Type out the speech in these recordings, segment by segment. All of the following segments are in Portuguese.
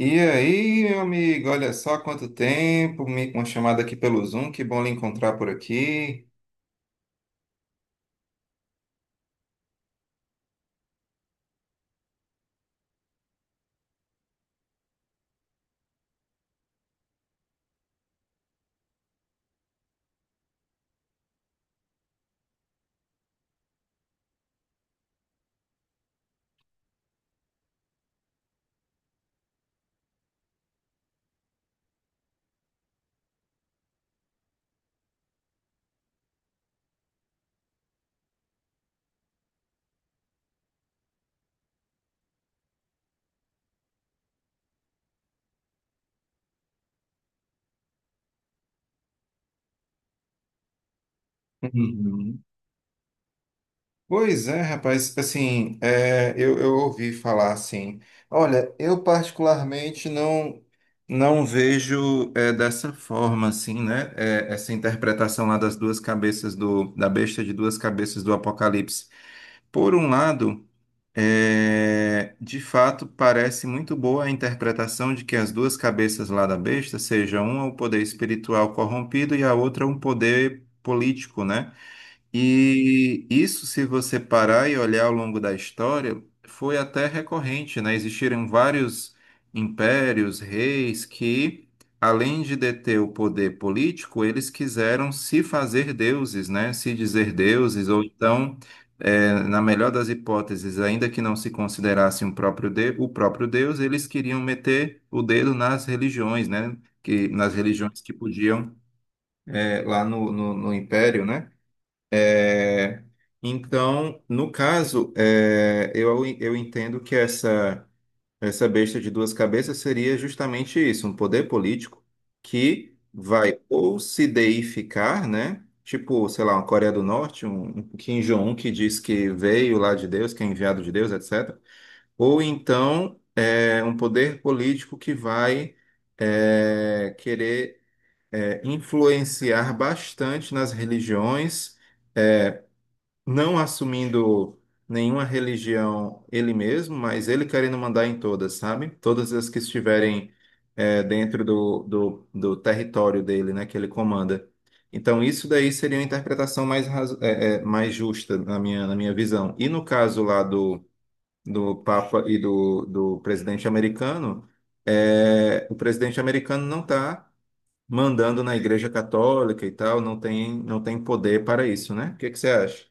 E aí, meu amigo, olha só quanto tempo, uma chamada aqui pelo Zoom, que bom lhe encontrar por aqui. Uhum. Pois é, rapaz, assim, eu ouvi falar assim, olha, eu particularmente não vejo dessa forma, assim, né, essa interpretação lá das duas cabeças da besta de duas cabeças do Apocalipse. Por um lado, é, de fato, parece muito boa a interpretação de que as duas cabeças lá da besta seja uma o poder espiritual corrompido e a outra um poder político, né? E isso, se você parar e olhar ao longo da história, foi até recorrente, né? Existiram vários impérios, reis que, além de deter o poder político, eles quiseram se fazer deuses, né? Se dizer deuses, ou então, na melhor das hipóteses, ainda que não se considerasse um o próprio deus, eles queriam meter o dedo nas religiões, né? Que, nas religiões que podiam, lá no império, né? É, então, no caso, eu entendo que essa besta de duas cabeças seria justamente isso, um poder político que vai ou se deificar, né? Tipo, sei lá, uma Coreia do Norte, um Kim Jong-un que diz que veio lá de Deus, que é enviado de Deus, etc. Ou então um poder político que vai querer influenciar bastante nas religiões, não assumindo nenhuma religião ele mesmo, mas ele querendo mandar em todas, sabe? Todas as que estiverem dentro do território dele, né, que ele comanda. Então, isso daí seria uma interpretação mais, mais justa na minha visão. E no caso lá do Papa e do presidente americano, é, o presidente americano não está mandando na Igreja Católica e tal, não tem, não tem poder para isso, né? O que que você acha?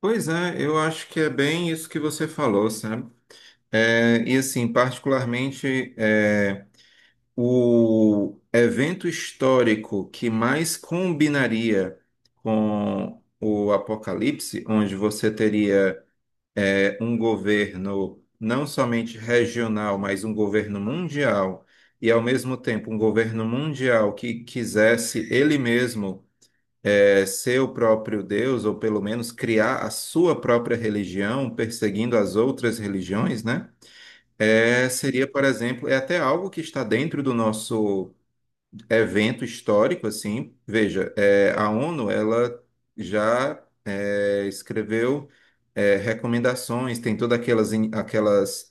Pois é, eu acho que é bem isso que você falou, sabe? É, e assim, particularmente, é, o evento histórico que mais combinaria com o Apocalipse, onde você teria um governo não somente regional, mas um governo mundial, e ao mesmo tempo um governo mundial que quisesse ele mesmo ser o próprio Deus, ou pelo menos criar a sua própria religião, perseguindo as outras religiões, né? É, seria, por exemplo, é até algo que está dentro do nosso evento histórico, assim. Veja, é, a ONU, ela já escreveu recomendações, tem todas aquelas,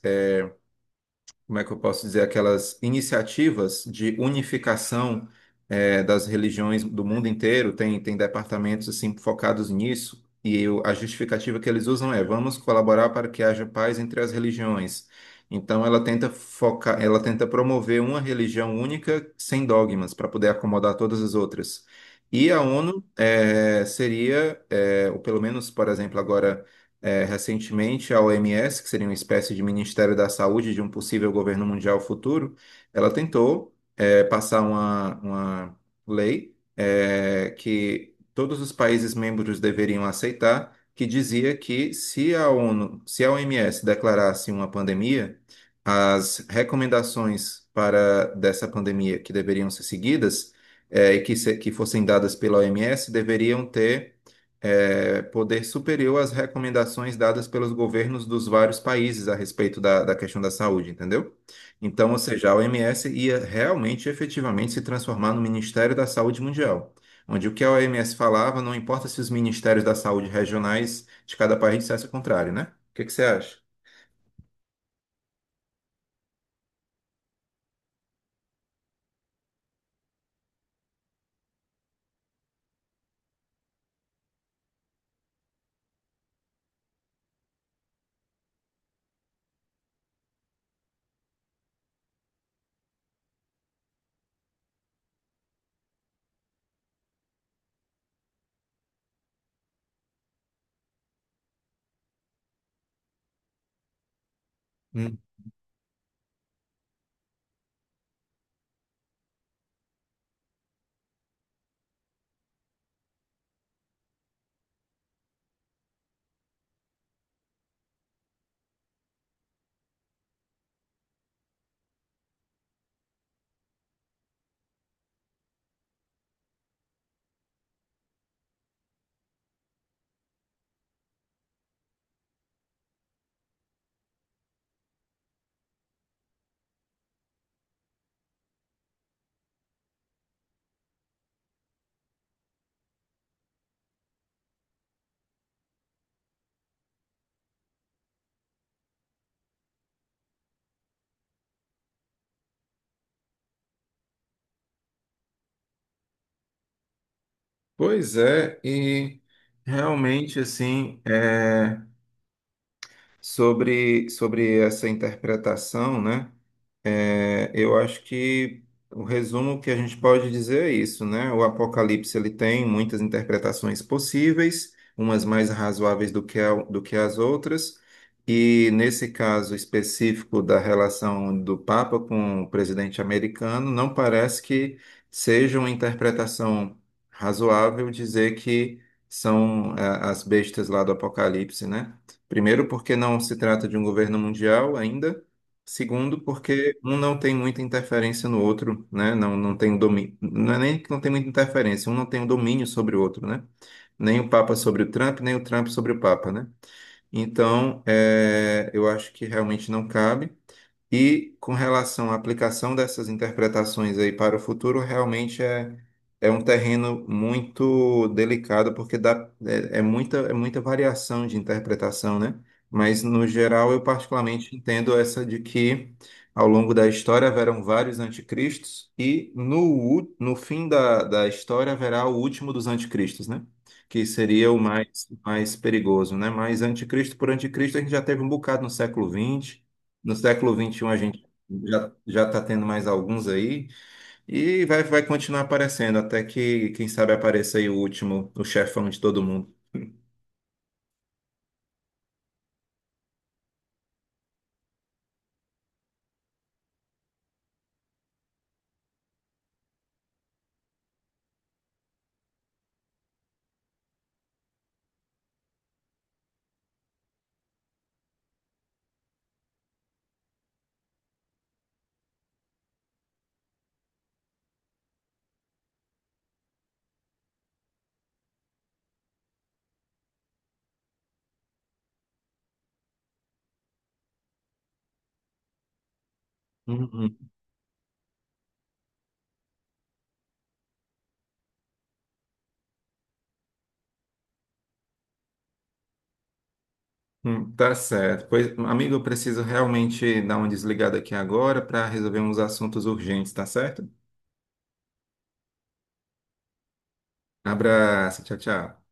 como é que eu posso dizer, aquelas iniciativas de unificação das religiões do mundo inteiro, tem, tem departamentos assim focados nisso, e a justificativa que eles usam é vamos colaborar para que haja paz entre as religiões. Então ela tenta focar, ela tenta promover uma religião única sem dogmas para poder acomodar todas as outras. E a ONU ou pelo menos, por exemplo, agora recentemente, a OMS, que seria uma espécie de Ministério da Saúde de um possível governo mundial futuro, ela tentou, é, passar uma lei, é, que todos os países membros deveriam aceitar, que dizia que se a ONU, se a OMS declarasse uma pandemia, as recomendações para dessa pandemia que deveriam ser seguidas, é, e que, se- que fossem dadas pela OMS deveriam ter é, poder superior às recomendações dadas pelos governos dos vários países a respeito da questão da saúde, entendeu? Então, ou seja, a OMS ia realmente, efetivamente, se transformar no Ministério da Saúde Mundial, onde o que a OMS falava, não importa se os ministérios da saúde regionais de cada país dissessem o contrário, né? O que que você acha? Hum. Pois é, e realmente assim, é. Sobre, sobre essa interpretação, né? É, eu acho que o resumo que a gente pode dizer é isso, né? O Apocalipse ele tem muitas interpretações possíveis, umas mais razoáveis do que as outras, e nesse caso específico da relação do Papa com o presidente americano, não parece que seja uma interpretação razoável dizer que são eh, as bestas lá do Apocalipse, né? Primeiro, porque não se trata de um governo mundial ainda. Segundo, porque um não tem muita interferência no outro, né? Não, não tem domínio. Não é nem que não tem muita interferência, um não tem o domínio sobre o outro, né? Nem o Papa sobre o Trump, nem o Trump sobre o Papa, né? Então, é, eu acho que realmente não cabe. E com relação à aplicação dessas interpretações aí para o futuro, realmente é, é um terreno muito delicado, porque dá, é muita variação de interpretação, né? Mas, no geral, eu particularmente entendo essa de que, ao longo da história, haverão vários anticristos e, no fim da história, haverá o último dos anticristos, né? Que seria o mais, mais perigoso, né? Mas anticristo por anticristo, a gente já teve um bocado no século 20, no século 21 a gente já está tendo mais alguns aí e vai, vai continuar aparecendo até que, quem sabe, apareça aí o último, o chefão de todo mundo. Uhum. Tá certo. Pois, amigo, eu preciso realmente dar uma desligada aqui agora para resolver uns assuntos urgentes, tá certo? Abraço, tchau, tchau.